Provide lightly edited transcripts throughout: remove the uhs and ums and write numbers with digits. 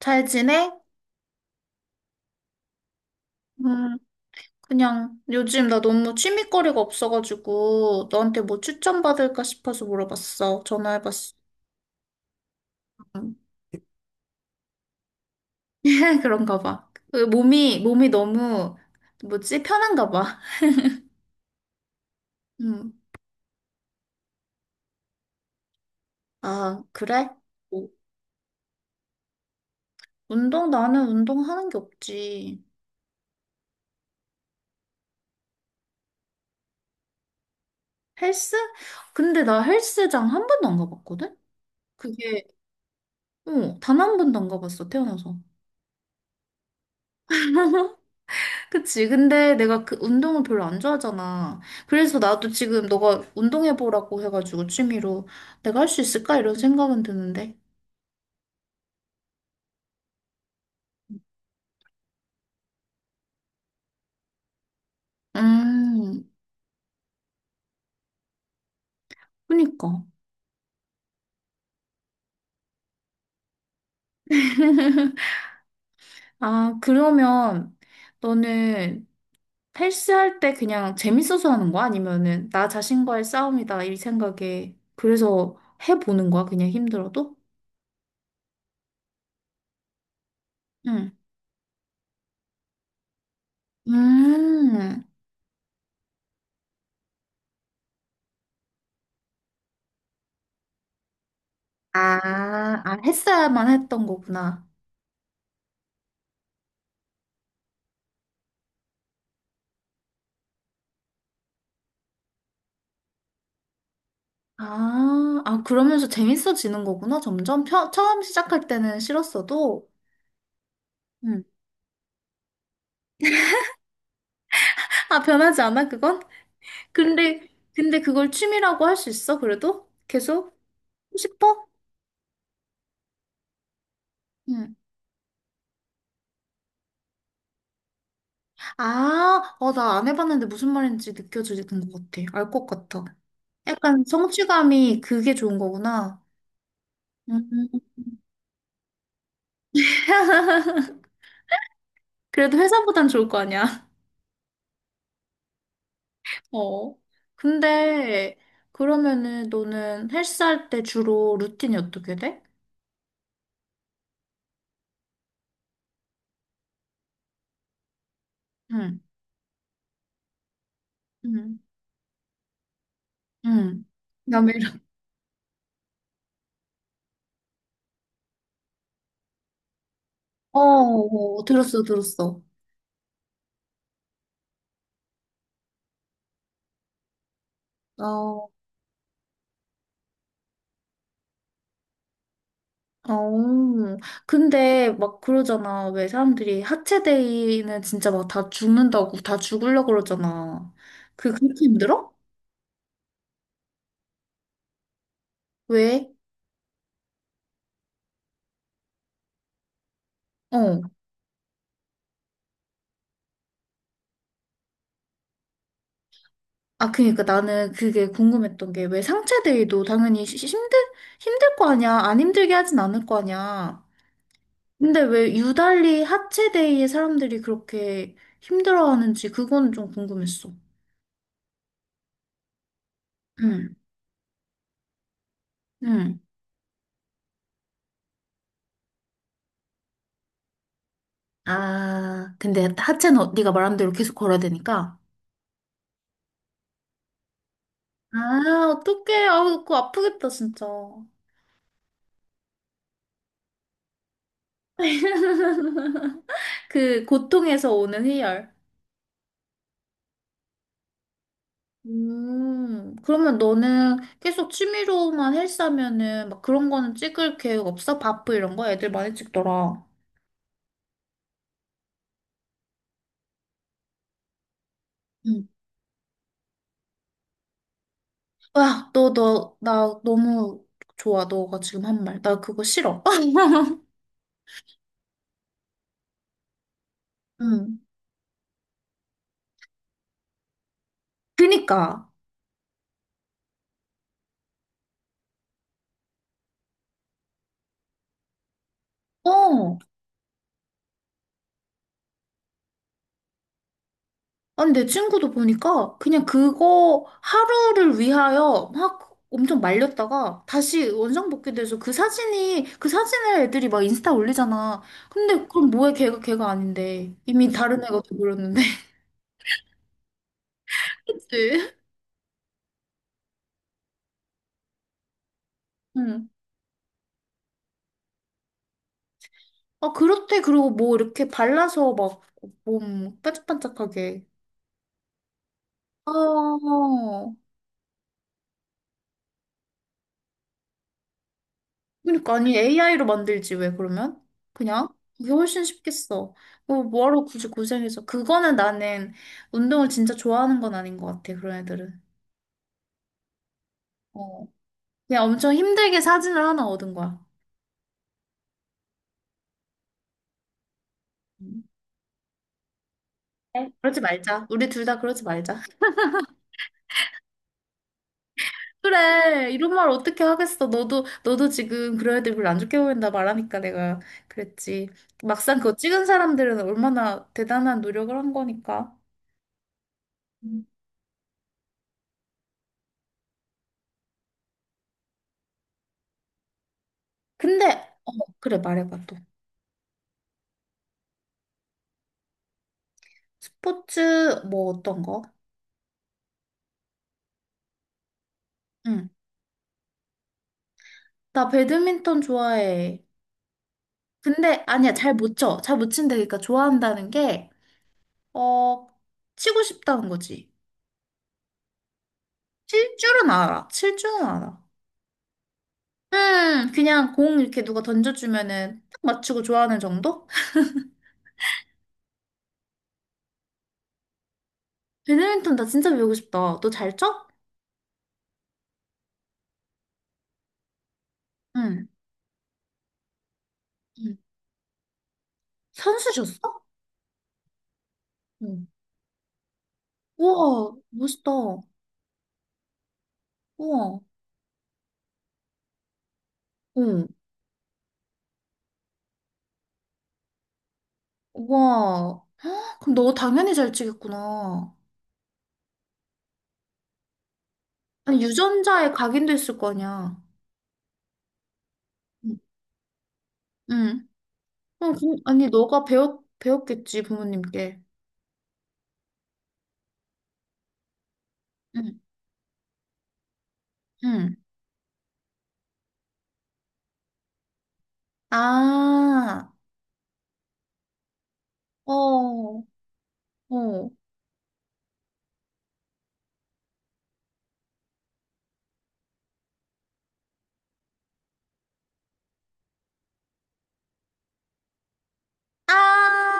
잘 지내? 음, 그냥 요즘 나 너무 취미거리가 없어가지고 너한테 뭐 추천받을까 싶어서 물어봤어. 전화해봤어. 음. 그런가 봐. 그 몸이 너무, 뭐지? 편한가 봐. 음. 아, 그래? 뭐, 운동, 나는 운동하는 게 없지. 헬스? 근데 나 헬스장 한 번도 안 가봤거든? 그게, 어, 단 한 번도 안 가봤어, 태어나서. 그치. 근데 내가 그 운동을 별로 안 좋아하잖아. 그래서 나도 지금 너가 운동해보라고 해가지고 취미로 내가 할 수 있을까? 이런 생각은 드는데. 음, 그니까. 아, 그러면 너는 헬스할 때 그냥 재밌어서 하는 거야? 아니면은 나 자신과의 싸움이다 이 생각에 그래서 해보는 거야? 그냥 힘들어도? 응. 음. 아, 했어야만 했던 거구나. 아, 그러면서 재밌어지는 거구나, 점점. 처음 시작할 때는 싫었어도. 음. 아, 변하지 않아, 그건? 근데, 근데 그걸 취미라고 할 수 있어, 그래도? 계속? 하고 싶어? 응. 아, 어, 나 안 해봤는데 무슨 말인지 느껴지는 것 같아. 알 것 같아. 약간 성취감이 그게 좋은 거구나. 음. 그래도 회사보단 좋을 거 아니야. 어. 근데, 그러면은 너는 헬스할 때 주로 루틴이 어떻게 돼? 응. 응, 응. 야매라. 어, 어, 들었어, 들었어. 어, 어. 근데 막 그러잖아. 왜 사람들이 하체데이는 진짜 막 다 죽는다고, 다 죽으려고 그러잖아. 그렇게 힘들어? 왜? 어. 아, 그니까 나는 그게 궁금했던 게 왜 상체데이도 당연히 힘들, 힘들 거 아니야. 안 힘들게 하진 않을 거 아니야. 근데 왜 유달리 하체데이에 사람들이 그렇게 힘들어하는지 그건 좀 궁금했어. 응, 응. 아, 근데 하체는 네가 말한 대로 계속 걸어야 되니까. 아, 어떡해. 아, 그거 아프겠다, 진짜. 그 고통에서 오는 희열. 그러면 너는 계속 취미로만 헬스하면은 막 그런 거는 찍을 계획 없어? 바프 이런 거? 애들 많이 찍더라. 응. 와, 나 너무 좋아. 너가 지금 한 말. 나 그거 싫어. 응. 그니까. 어. 아니, 내 친구도 보니까 그냥 그거 하루를 위하여 막 엄청 말렸다가 다시 원상복귀돼서 그 사진을 애들이 막 인스타 올리잖아. 근데 그럼 뭐해, 걔가 아닌데. 이미 다른 애가 돼버렸는데. 그치? 응. 아, 그렇대. 그리고 뭐 이렇게 발라서 막 몸 반짝반짝하게. 아, 그러니까 아니 AI로 만들지 왜 그러면? 그냥? 그게 훨씬 쉽겠어. 뭐하러 굳이 고생해서. 그거는 나는 운동을 진짜 좋아하는 건 아닌 것 같아. 그런 애들은. 어. 그냥 엄청 힘들게 사진을 하나 얻은 거야. 음. 네. 그러지 말자. 우리 둘 다 그러지 말자. 그래. 이런 말 어떻게 하겠어. 너도 지금 그런 애들 별로 안 좋게 보인다 말하니까 내가 그랬지. 막상 그거 찍은 사람들은 얼마나 대단한 노력을 한 거니까. 음. 근데 어 그래 말해봐 또. 스포츠 뭐 어떤 거? 응. 나 배드민턴 좋아해. 근데 아니야, 잘 못 쳐. 잘 못 친다. 그러니까 좋아한다는 게, 어, 치고 싶다는 거지. 칠 줄은 알아. 칠 줄은 알아. 그냥 공 이렇게 누가 던져주면은 딱 맞추고 좋아하는 정도? 배드민턴 나 진짜 배우고 싶다. 너 잘 쳐? 응. 응. 선수셨어? 응. 우와, 멋있다. 우와. 응. 우와. 헉, 그럼 너 당연히 잘 치겠구나. 아니, 유전자에 각인됐을 거 아니야. 응, 응. 어, 아니, 배웠겠지, 부모님께. 응, 응. 아, 어, 어. 아,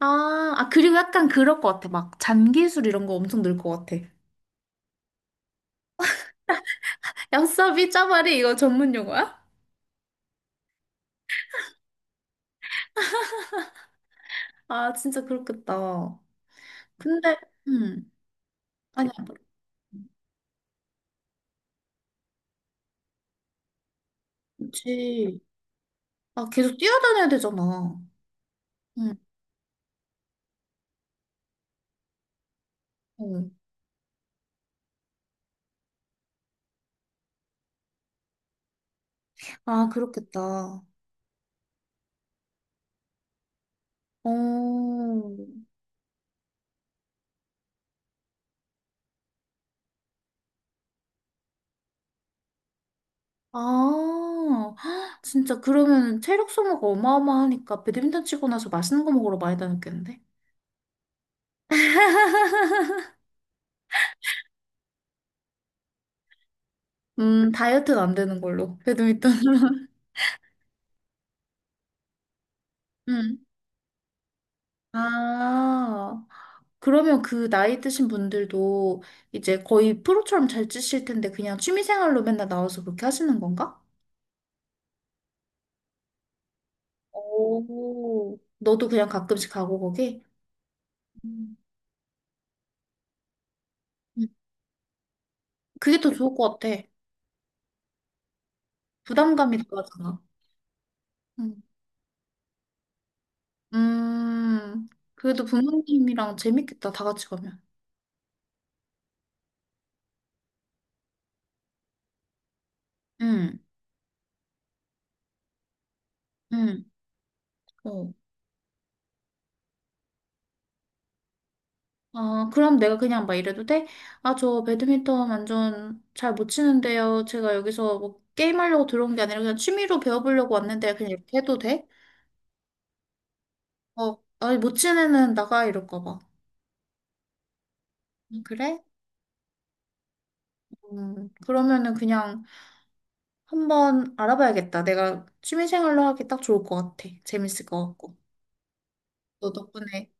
그리고 약간 그럴 것 같아. 막, 잔기술 이런 거 엄청 늘 것 같아. 얍사비 짜바리 이거 전문 용어야? 아, 진짜 그렇겠다. 근데, 응. 아니, 그렇지. 아, 계속 뛰어다녀야 되잖아. 응, 응. 아, 그렇겠다. 어. 아, 헉, 진짜 그러면 체력 소모가 어마어마하니까 배드민턴 치고 나서 맛있는 거 먹으러 많이 다녔겠는데? 다이어트는 안 되는 걸로. 배드민턴. 음. 아, 그러면 그 나이 드신 분들도 이제 거의 프로처럼 잘 치실 텐데 그냥 취미 생활로 맨날 나와서 그렇게 하시는 건가? 오. 너도 그냥 가끔씩 가고 거기? 음. 음. 그게 더 좋을 것 같아. 부담감이 덜하잖아. 음. 음, 그래도 부모님이랑 재밌겠다, 다 같이 가면. 응, 응, 어. 아, 그럼 내가 그냥 막 이래도 돼? 아, 저 배드민턴 완전 잘 못 치는데요. 제가 여기서 뭐 게임하려고 들어온 게 아니라 그냥 취미로 배워보려고 왔는데 그냥 이렇게 해도 돼? 어, 아니, 못 치는 애는 나가 이럴까 봐. 그래? 그러면은 그냥 한번 알아봐야겠다. 내가 취미생활로 하기 딱 좋을 것 같아. 재밌을 것 같고. 너 덕분에.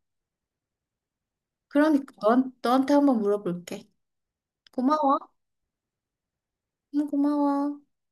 그러니까 너한테 한번 물어볼게. 고마워. 응, 고마워.